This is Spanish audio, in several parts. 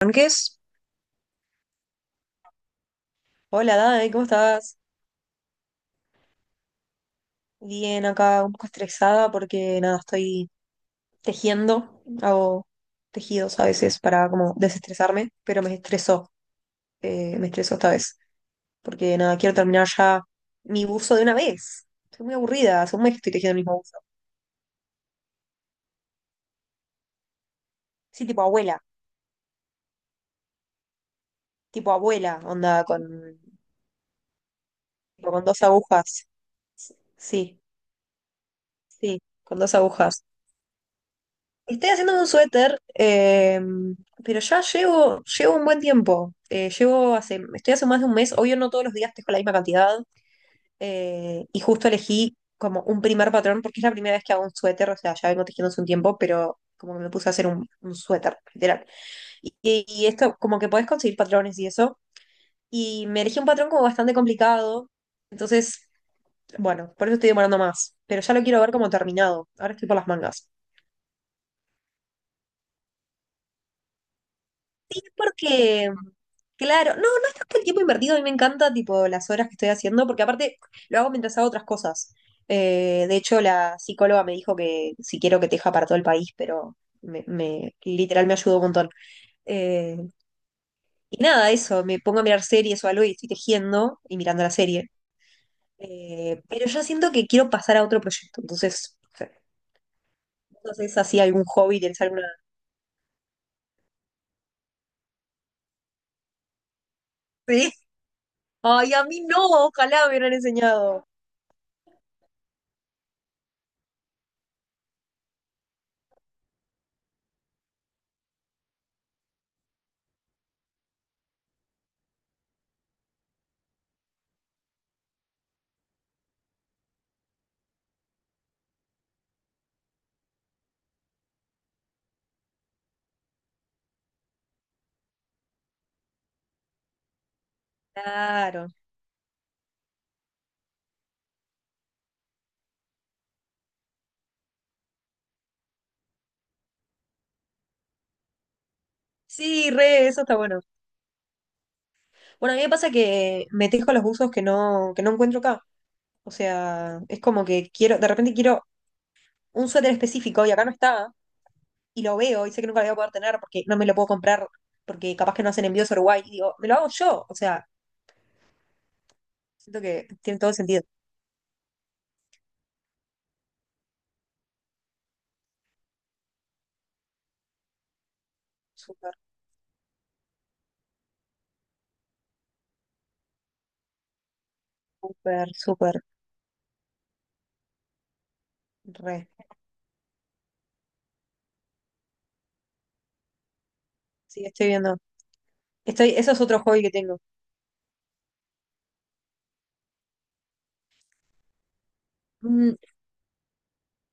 Blanques. Hola, Dade, ¿cómo estás? Bien, acá un poco estresada porque nada, estoy tejiendo, hago tejidos a veces para como desestresarme, pero me estresó esta vez, porque nada, quiero terminar ya mi buzo de una vez. Estoy muy aburrida, hace un mes que estoy tejiendo el mismo buzo. Sí, tipo abuela, onda, tipo con dos agujas. Sí, sí, con dos agujas. Estoy haciendo un suéter, pero ya llevo un buen tiempo. Estoy hace más de un mes, obvio no todos los días tejo la misma cantidad, y justo elegí como un primer patrón, porque es la primera vez que hago un suéter, o sea, ya vengo tejiendo hace un tiempo, pero como que me puse a hacer un suéter, literal. Esto, como que podés conseguir patrones y eso, y me elegí un patrón como bastante complicado, entonces, bueno, por eso estoy demorando más, pero ya lo quiero ver como terminado, ahora estoy por las mangas. Sí, porque, claro, no es tanto el tiempo invertido, a mí me encanta, tipo, las horas que estoy haciendo, porque aparte lo hago mientras hago otras cosas. De hecho, la psicóloga me dijo que si quiero que teja para todo el país, pero literal me ayudó un montón. Eh, y nada, eso, me pongo a mirar series o algo y estoy tejiendo y mirando la serie. Pero yo siento que quiero pasar a otro proyecto, entonces, no sé si así algún hobby, tienes alguna... Sí. Ay, a mí no, ojalá me hubieran enseñado. Claro. Sí, re, eso está bueno. Bueno, a mí me pasa que me tejo los buzos que no encuentro acá. O sea, es como que quiero, de repente quiero un suéter específico y acá no está, y lo veo y sé que nunca lo voy a poder tener porque no me lo puedo comprar, porque capaz que no hacen envíos a Uruguay. Y digo, me lo hago yo. O sea, siento que tiene todo el sentido. Súper, súper, súper, re. Sí, estoy viendo. Estoy, eso es otro hobby que tengo. Mm,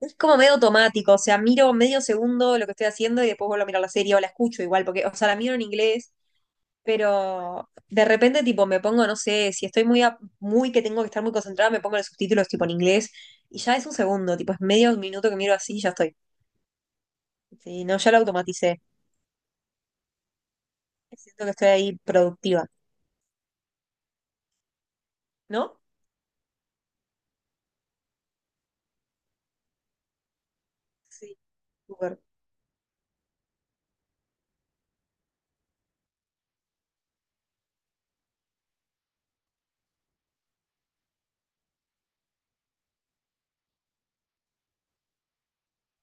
Es como medio automático, o sea, miro medio segundo lo que estoy haciendo y después vuelvo a mirar la serie o la escucho igual, porque, o sea, la miro en inglés. Pero de repente, tipo, me pongo, no sé, si estoy muy que tengo que estar muy concentrada, me pongo los subtítulos, tipo, en inglés, y ya es un segundo, tipo, es medio minuto que miro así y ya estoy. Sí, no, ya lo automaticé. Siento que estoy ahí productiva, ¿no? Sí, súper,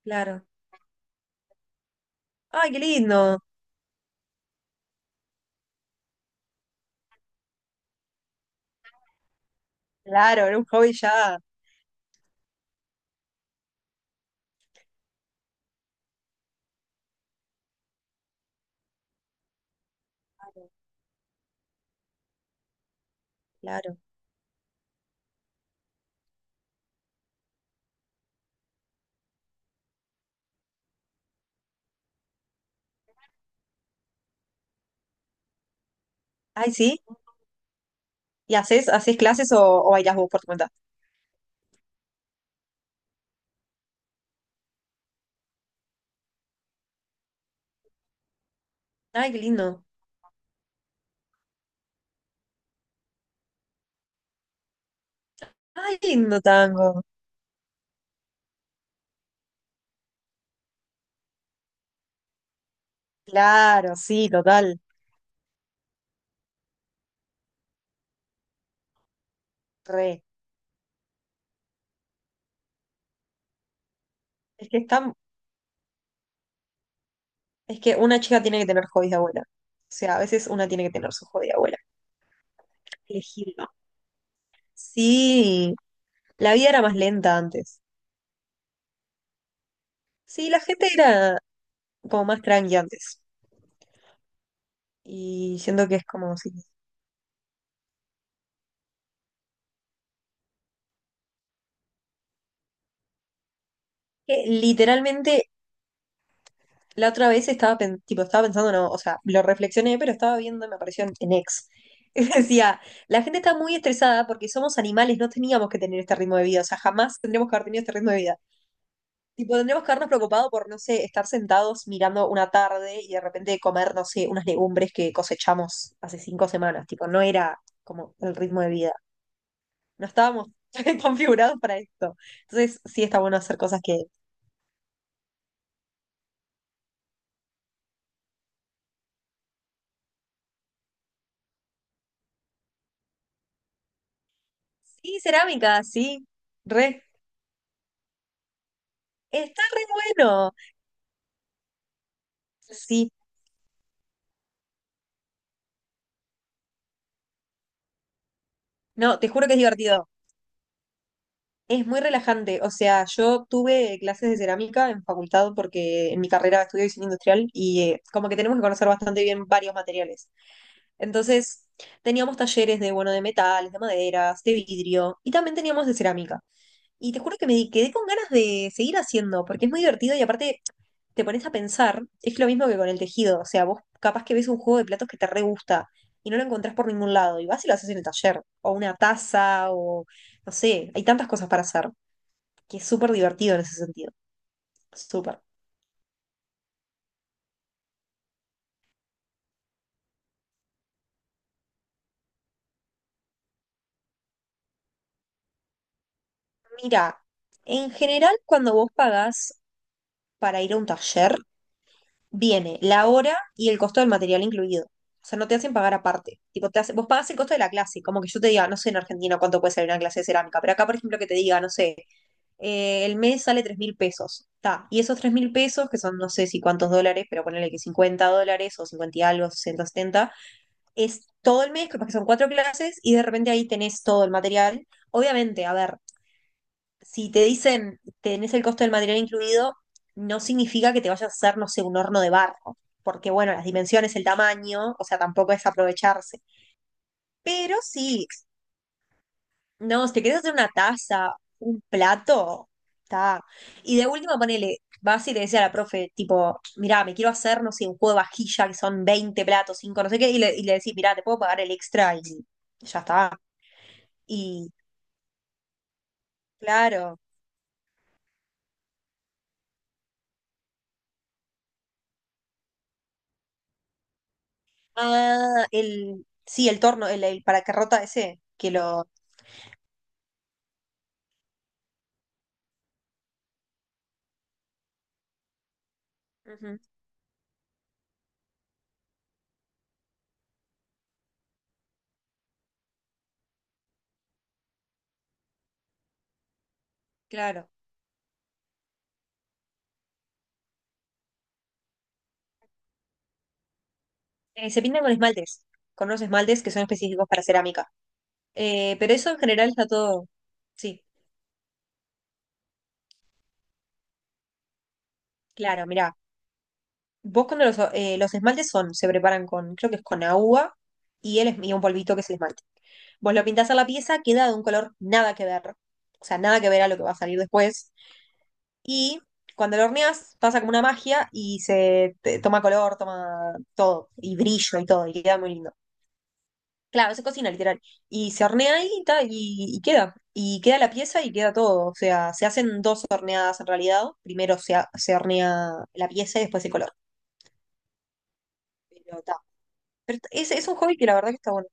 claro. Ay, qué lindo. Claro, era un hobby ya. Claro, claro. Ay, sí. ¿Y haces clases o bailás vos por tu cuenta? Ay, qué lindo. Ay, qué lindo tango. Claro, sí, total. Re. Es que está, es que una chica tiene que tener hobbies de abuela. O sea, a veces una tiene que tener su hobby de abuela. Elegirlo. Sí, la vida era más lenta antes. Sí, la gente era como más tranqui antes. Y siento que es como si... que literalmente, la otra vez tipo, estaba pensando, no, o sea, lo reflexioné, pero estaba viendo, y me apareció en X. Y decía, la gente está muy estresada porque somos animales, no teníamos que tener este ritmo de vida, o sea, jamás tendríamos que haber tenido este ritmo de vida. Tipo, tendríamos que habernos preocupado por, no sé, estar sentados mirando una tarde y de repente comer, no sé, unas legumbres que cosechamos hace 5 semanas. Tipo, no era como el ritmo de vida. No estábamos configurados para esto. Entonces, sí está bueno hacer cosas que... Sí, cerámica, sí. Re. Está re bueno. Sí. No, te juro que es divertido. Es muy relajante. O sea, yo tuve clases de cerámica en facultad porque en mi carrera estudio diseño industrial y como que tenemos que conocer bastante bien varios materiales. Entonces, teníamos talleres de, bueno, de metales, de maderas, de vidrio y también teníamos de cerámica. Y te juro que quedé con ganas de seguir haciendo, porque es muy divertido y aparte te pones a pensar, es lo mismo que con el tejido, o sea, vos capaz que ves un juego de platos que te re gusta y no lo encontrás por ningún lado y vas y lo haces en el taller, o una taza, o no sé, hay tantas cosas para hacer, que es súper divertido en ese sentido, súper. Mira, en general cuando vos pagás para ir a un taller, viene la hora y el costo del material incluido. O sea, no te hacen pagar aparte. Tipo, vos pagas el costo de la clase. Como que yo te diga, no sé en Argentina cuánto puede salir una clase de cerámica, pero acá, por ejemplo, que te diga, no sé, el mes sale 3.000 pesos. Ta, y esos 3.000 pesos, que son no sé si cuántos dólares, pero ponele que 50 dólares o 50 y algo, 60, 70 es todo el mes, capaz que son cuatro clases y de repente ahí tenés todo el material. Obviamente, a ver, si te dicen tenés el costo del material incluido, no significa que te vayas a hacer, no sé, un horno de barro, porque bueno, las dimensiones, el tamaño, o sea, tampoco es aprovecharse. Pero sí, no, si te querés hacer una taza, un plato, está. Y de última, ponele, vas y le decís a la profe, tipo, mirá, me quiero hacer, no sé, un juego de vajilla que son 20 platos, cinco no sé qué, y le decís, mirá, te puedo pagar el extra y ya está. Y claro. Ah, el, sí, el torno, el paracarrota ese, que lo... Ujú, claro. Se pintan con esmaltes, con unos esmaltes que son específicos para cerámica. Pero eso en general está todo... Sí, claro, mirá. Vos cuando los esmaltes son, se preparan con, creo que es con agua y un polvito que es el esmalte. Vos lo pintás a la pieza, queda de un color nada que ver. O sea, nada que ver a lo que va a salir después. Y cuando lo horneas, pasa como una magia y toma color, toma todo, y brillo y todo, y queda muy lindo. Claro, se cocina literal. Y se hornea ahí y, ta, y queda. Y queda la pieza y queda todo. O sea, se hacen dos horneadas en realidad. Primero se hornea la pieza y después el color. Pero, ta. Pero es un hobby que la verdad que está bueno.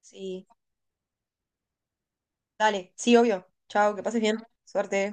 Sí. Dale, sí, obvio. Chao, que pases bien. Suerte.